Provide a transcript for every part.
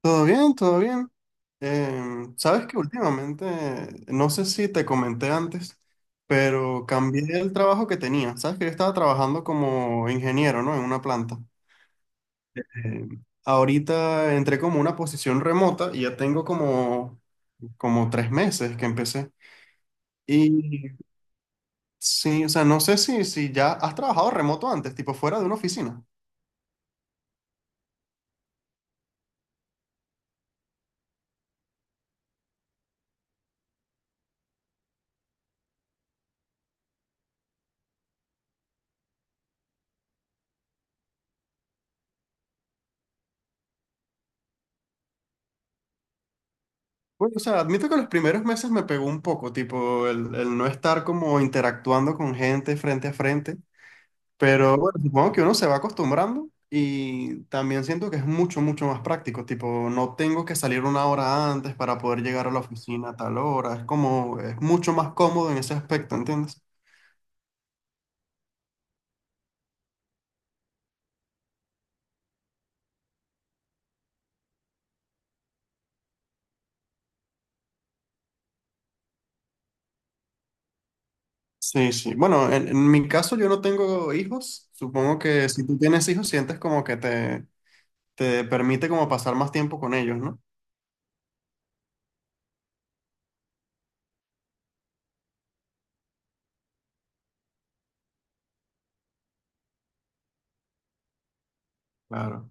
Todo bien, todo bien. Sabes que últimamente, no sé si te comenté antes, pero cambié el trabajo que tenía. Sabes que yo estaba trabajando como ingeniero, ¿no? En una planta. Ahorita entré como una posición remota y ya tengo como, como 3 meses que empecé. Y sí, o sea, no sé si ya has trabajado remoto antes, tipo fuera de una oficina. Bueno, o sea, admito que los primeros meses me pegó un poco, tipo el no estar como interactuando con gente frente a frente. Pero bueno, supongo que uno se va acostumbrando y también siento que es mucho, mucho más práctico. Tipo, no tengo que salir una hora antes para poder llegar a la oficina a tal hora. Es como, es mucho más cómodo en ese aspecto, ¿entiendes? Sí, sí. Bueno, en mi caso yo no tengo hijos. Supongo que si tú tienes hijos, sientes como que te permite como pasar más tiempo con ellos, ¿no? Claro.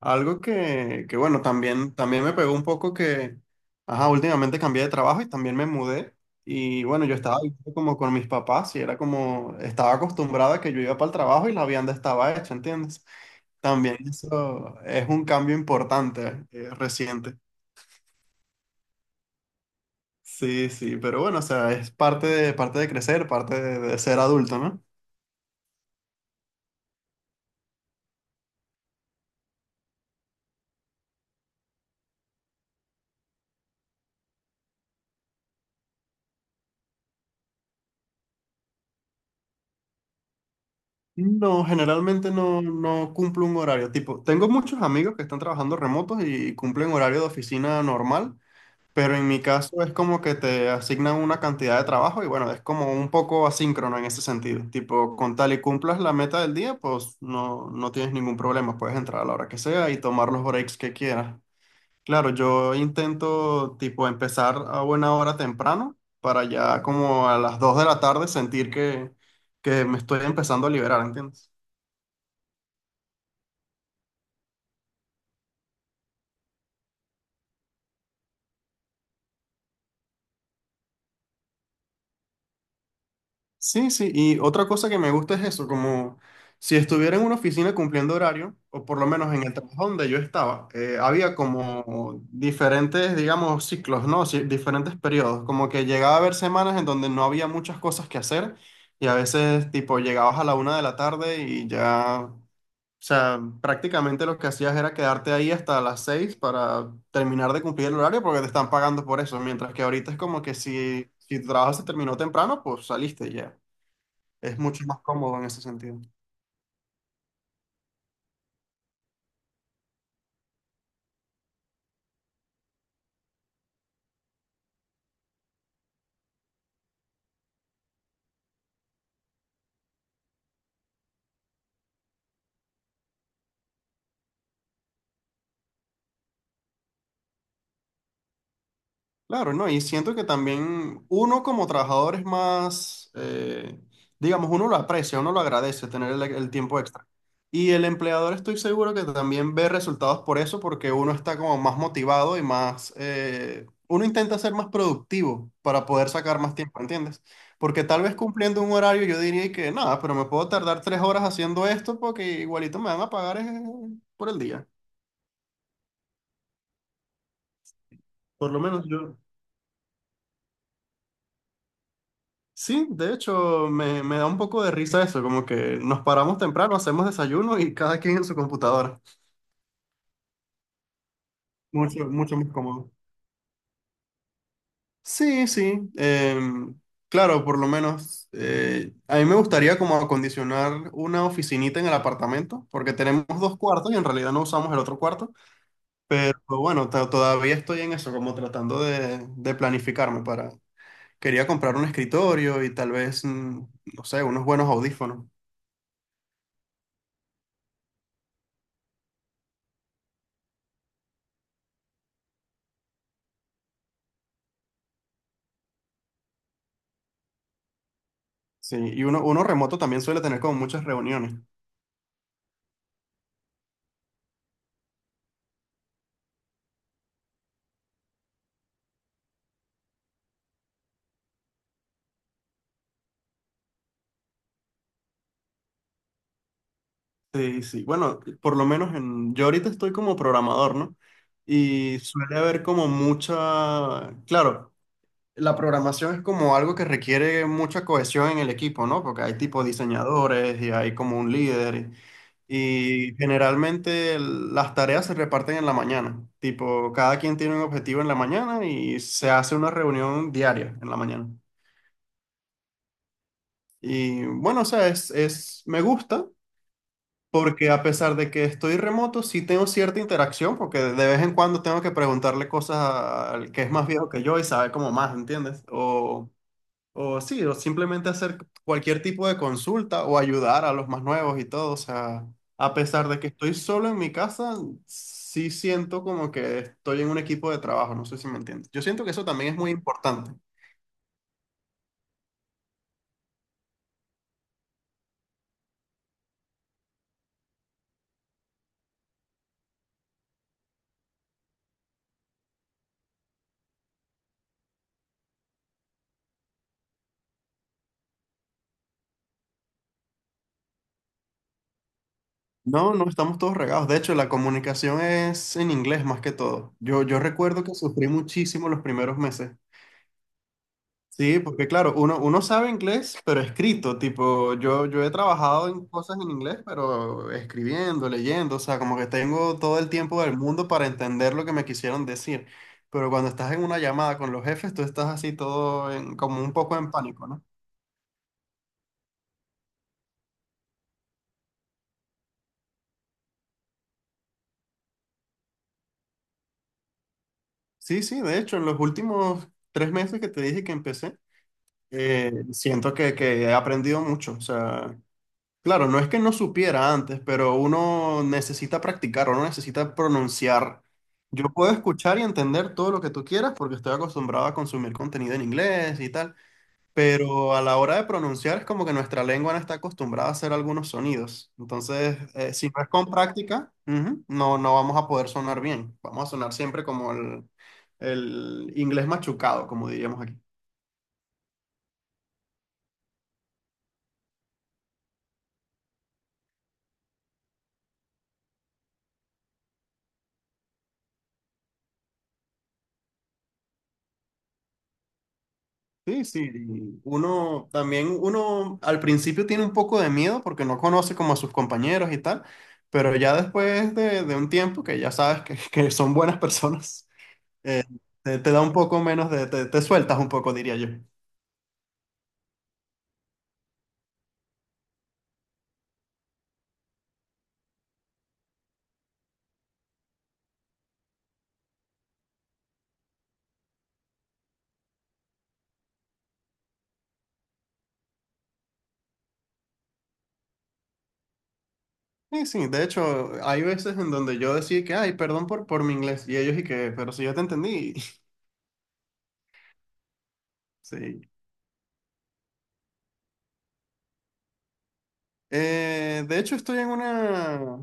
Algo que bueno, también, también me pegó un poco que, ajá, últimamente cambié de trabajo y también me mudé. Y bueno, yo estaba viviendo como con mis papás y era como, estaba acostumbrada a que yo iba para el trabajo y la vianda estaba hecha, ¿entiendes? También eso es un cambio importante, reciente. Sí, sí, pero bueno, o sea, es parte de crecer, parte de ser adulto, ¿no? No, generalmente no, no cumplo un horario. Tipo, tengo muchos amigos que están trabajando remotos y cumplen horario de oficina normal. Pero en mi caso es como que te asignan una cantidad de trabajo y bueno, es como un poco asíncrono en ese sentido. Tipo, con tal y cumplas la meta del día, pues no, no tienes ningún problema. Puedes entrar a la hora que sea y tomar los breaks que quieras. Claro, yo intento tipo empezar a buena hora temprano para ya como a las 2 de la tarde sentir que me estoy empezando a liberar, ¿entiendes? Sí, sí, y otra cosa que me gusta es eso, como si estuviera en una oficina cumpliendo horario, o por lo menos en el trabajo donde yo estaba, había como diferentes, digamos, ciclos, ¿no? Sí, diferentes periodos, como que llegaba a haber semanas en donde no había muchas cosas que hacer y a veces tipo llegabas a la una de la tarde y ya, o sea, prácticamente lo que hacías era quedarte ahí hasta las seis para terminar de cumplir el horario porque te están pagando por eso, mientras que ahorita es como que si tu trabajo se terminó temprano, pues saliste y ya. Es mucho más cómodo en ese sentido. Claro, ¿no? Y siento que también uno como trabajador es más, digamos, uno lo aprecia, uno lo agradece tener el tiempo extra. Y el empleador estoy seguro que también ve resultados por eso, porque uno está como más motivado y más, uno intenta ser más productivo para poder sacar más tiempo, ¿entiendes? Porque tal vez cumpliendo un horario yo diría que nada, pero me puedo tardar 3 horas haciendo esto porque igualito me van a pagar por el día. Por lo menos yo. Sí, de hecho, me da un poco de risa eso, como que nos paramos temprano, hacemos desayuno y cada quien en su computadora. Mucho, mucho más cómodo. Sí, sí. Claro, por lo menos a mí me gustaría como acondicionar una oficinita en el apartamento, porque tenemos 2 cuartos y en realidad no usamos el otro cuarto, pero bueno, todavía estoy en eso, como tratando de planificarme para... Quería comprar un escritorio y tal vez, no sé, unos buenos audífonos. Sí, y uno, uno remoto también suele tener como muchas reuniones. Sí, sí. Bueno, por lo menos en, yo ahorita estoy como programador, ¿no? Y suele haber como mucha, claro, la programación es como algo que requiere mucha cohesión en el equipo, ¿no? Porque hay tipo diseñadores y hay como un líder. Y generalmente las tareas se reparten en la mañana. Tipo, cada quien tiene un objetivo en la mañana y se hace una reunión diaria en la mañana. Y bueno, o sea, es, me gusta, porque a pesar de que estoy remoto, sí tengo cierta interacción, porque de vez en cuando tengo que preguntarle cosas al que es más viejo que yo y sabe como más, ¿entiendes? O sí, o simplemente hacer cualquier tipo de consulta o ayudar a los más nuevos y todo. O sea, a pesar de que estoy solo en mi casa, sí siento como que estoy en un equipo de trabajo, no sé si me entiendes. Yo siento que eso también es muy importante. No, no estamos todos regados. De hecho, la comunicación es en inglés más que todo. Yo recuerdo que sufrí muchísimo los primeros meses. Sí, porque claro, uno sabe inglés, pero escrito, tipo, yo he trabajado en cosas en inglés, pero escribiendo, leyendo, o sea, como que tengo todo el tiempo del mundo para entender lo que me quisieron decir. Pero cuando estás en una llamada con los jefes, tú estás así todo como un poco en pánico, ¿no? Sí, sí, de hecho, en los últimos 3 meses que te dije que empecé, siento que he aprendido mucho, o sea... Claro, no es que no supiera antes, pero uno necesita practicar, uno necesita pronunciar. Yo puedo escuchar y entender todo lo que tú quieras porque estoy acostumbrado a consumir contenido en inglés y tal, pero a la hora de pronunciar es como que nuestra lengua no está acostumbrada a hacer algunos sonidos. Entonces, si no es con práctica, ujú, no, no vamos a poder sonar bien. Vamos a sonar siempre como el inglés machucado, como diríamos aquí. Sí, sí, y uno también, uno al principio tiene un poco de miedo porque no conoce como a sus compañeros y tal, pero ya después de un tiempo que ya sabes que, que son buenas personas, eh, te, te da un poco menos de, te sueltas un poco, diría yo. Sí, sí, de hecho, hay veces en donde yo decía que, ay, perdón por mi inglés, y ellos y que, pero si yo te entendí, sí. De hecho, estoy en una,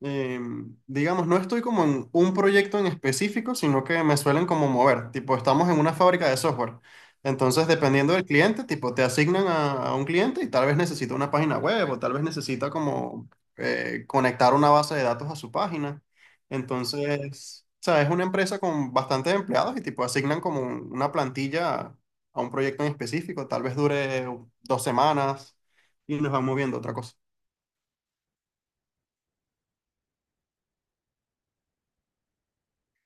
digamos, no estoy como en un proyecto en específico, sino que me suelen como mover. Tipo, estamos en una fábrica de software. Entonces, dependiendo del cliente, tipo, te asignan a un cliente y tal vez necesita una página web o tal vez necesita como conectar una base de datos a su página. Entonces, o sea, es una empresa con bastantes empleados y tipo, asignan como una plantilla a un proyecto en específico. Tal vez dure 2 semanas y nos van moviendo a otra cosa.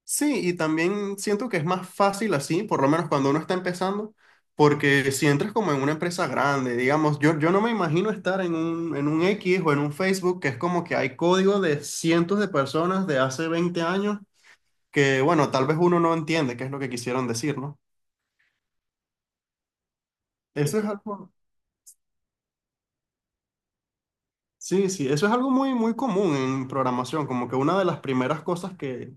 Sí, y también siento que es más fácil así, por lo menos cuando uno está empezando, porque si entras como en una empresa grande, digamos, yo no me imagino estar en un X o en un Facebook, que es como que hay código de cientos de personas de hace 20 años que, bueno, tal vez uno no entiende qué es lo que quisieron decir, ¿no? Sí. Eso es algo, sí, sí, eso es algo muy, muy común en programación, como que una de las primeras cosas que,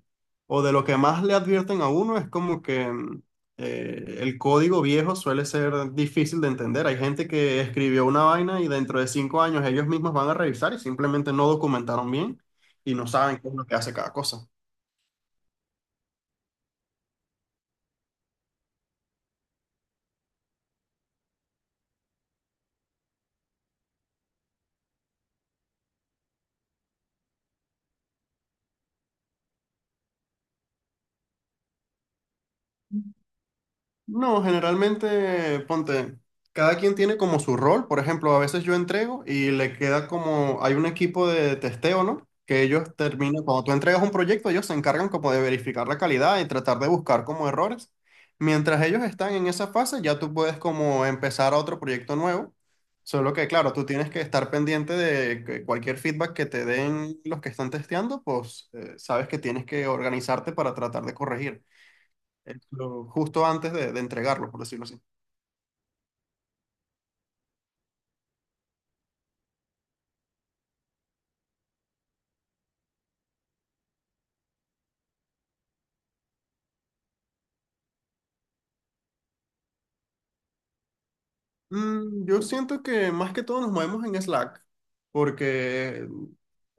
o de lo que más le advierten a uno es como que el código viejo suele ser difícil de entender. Hay gente que escribió una vaina y dentro de 5 años ellos mismos van a revisar y simplemente no documentaron bien y no saben qué es lo que hace cada cosa. No, generalmente, ponte, cada quien tiene como su rol. Por ejemplo, a veces yo entrego y le queda como, hay un equipo de testeo, ¿no? Que ellos terminan, cuando tú entregas un proyecto, ellos se encargan como de verificar la calidad y tratar de buscar como errores. Mientras ellos están en esa fase, ya tú puedes como empezar a otro proyecto nuevo. Solo que, claro, tú tienes que estar pendiente de que cualquier feedback que te den los que están testeando, pues sabes que tienes que organizarte para tratar de corregir el flow, justo antes de entregarlo, por decirlo así. Yo siento que más que todo nos movemos en Slack, porque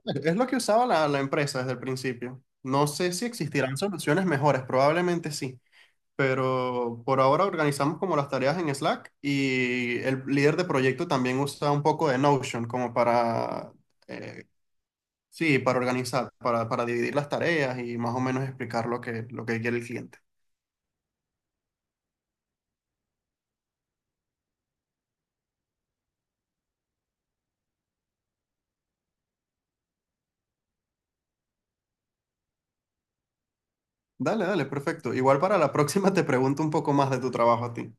es lo que usaba la, la empresa desde el principio. No sé si existirán soluciones mejores, probablemente sí, pero por ahora organizamos como las tareas en Slack y el líder de proyecto también usa un poco de Notion como para eh, sí, para organizar, para dividir las tareas y más o menos explicar lo que quiere el cliente. Dale, dale, perfecto. Igual para la próxima te pregunto un poco más de tu trabajo a ti.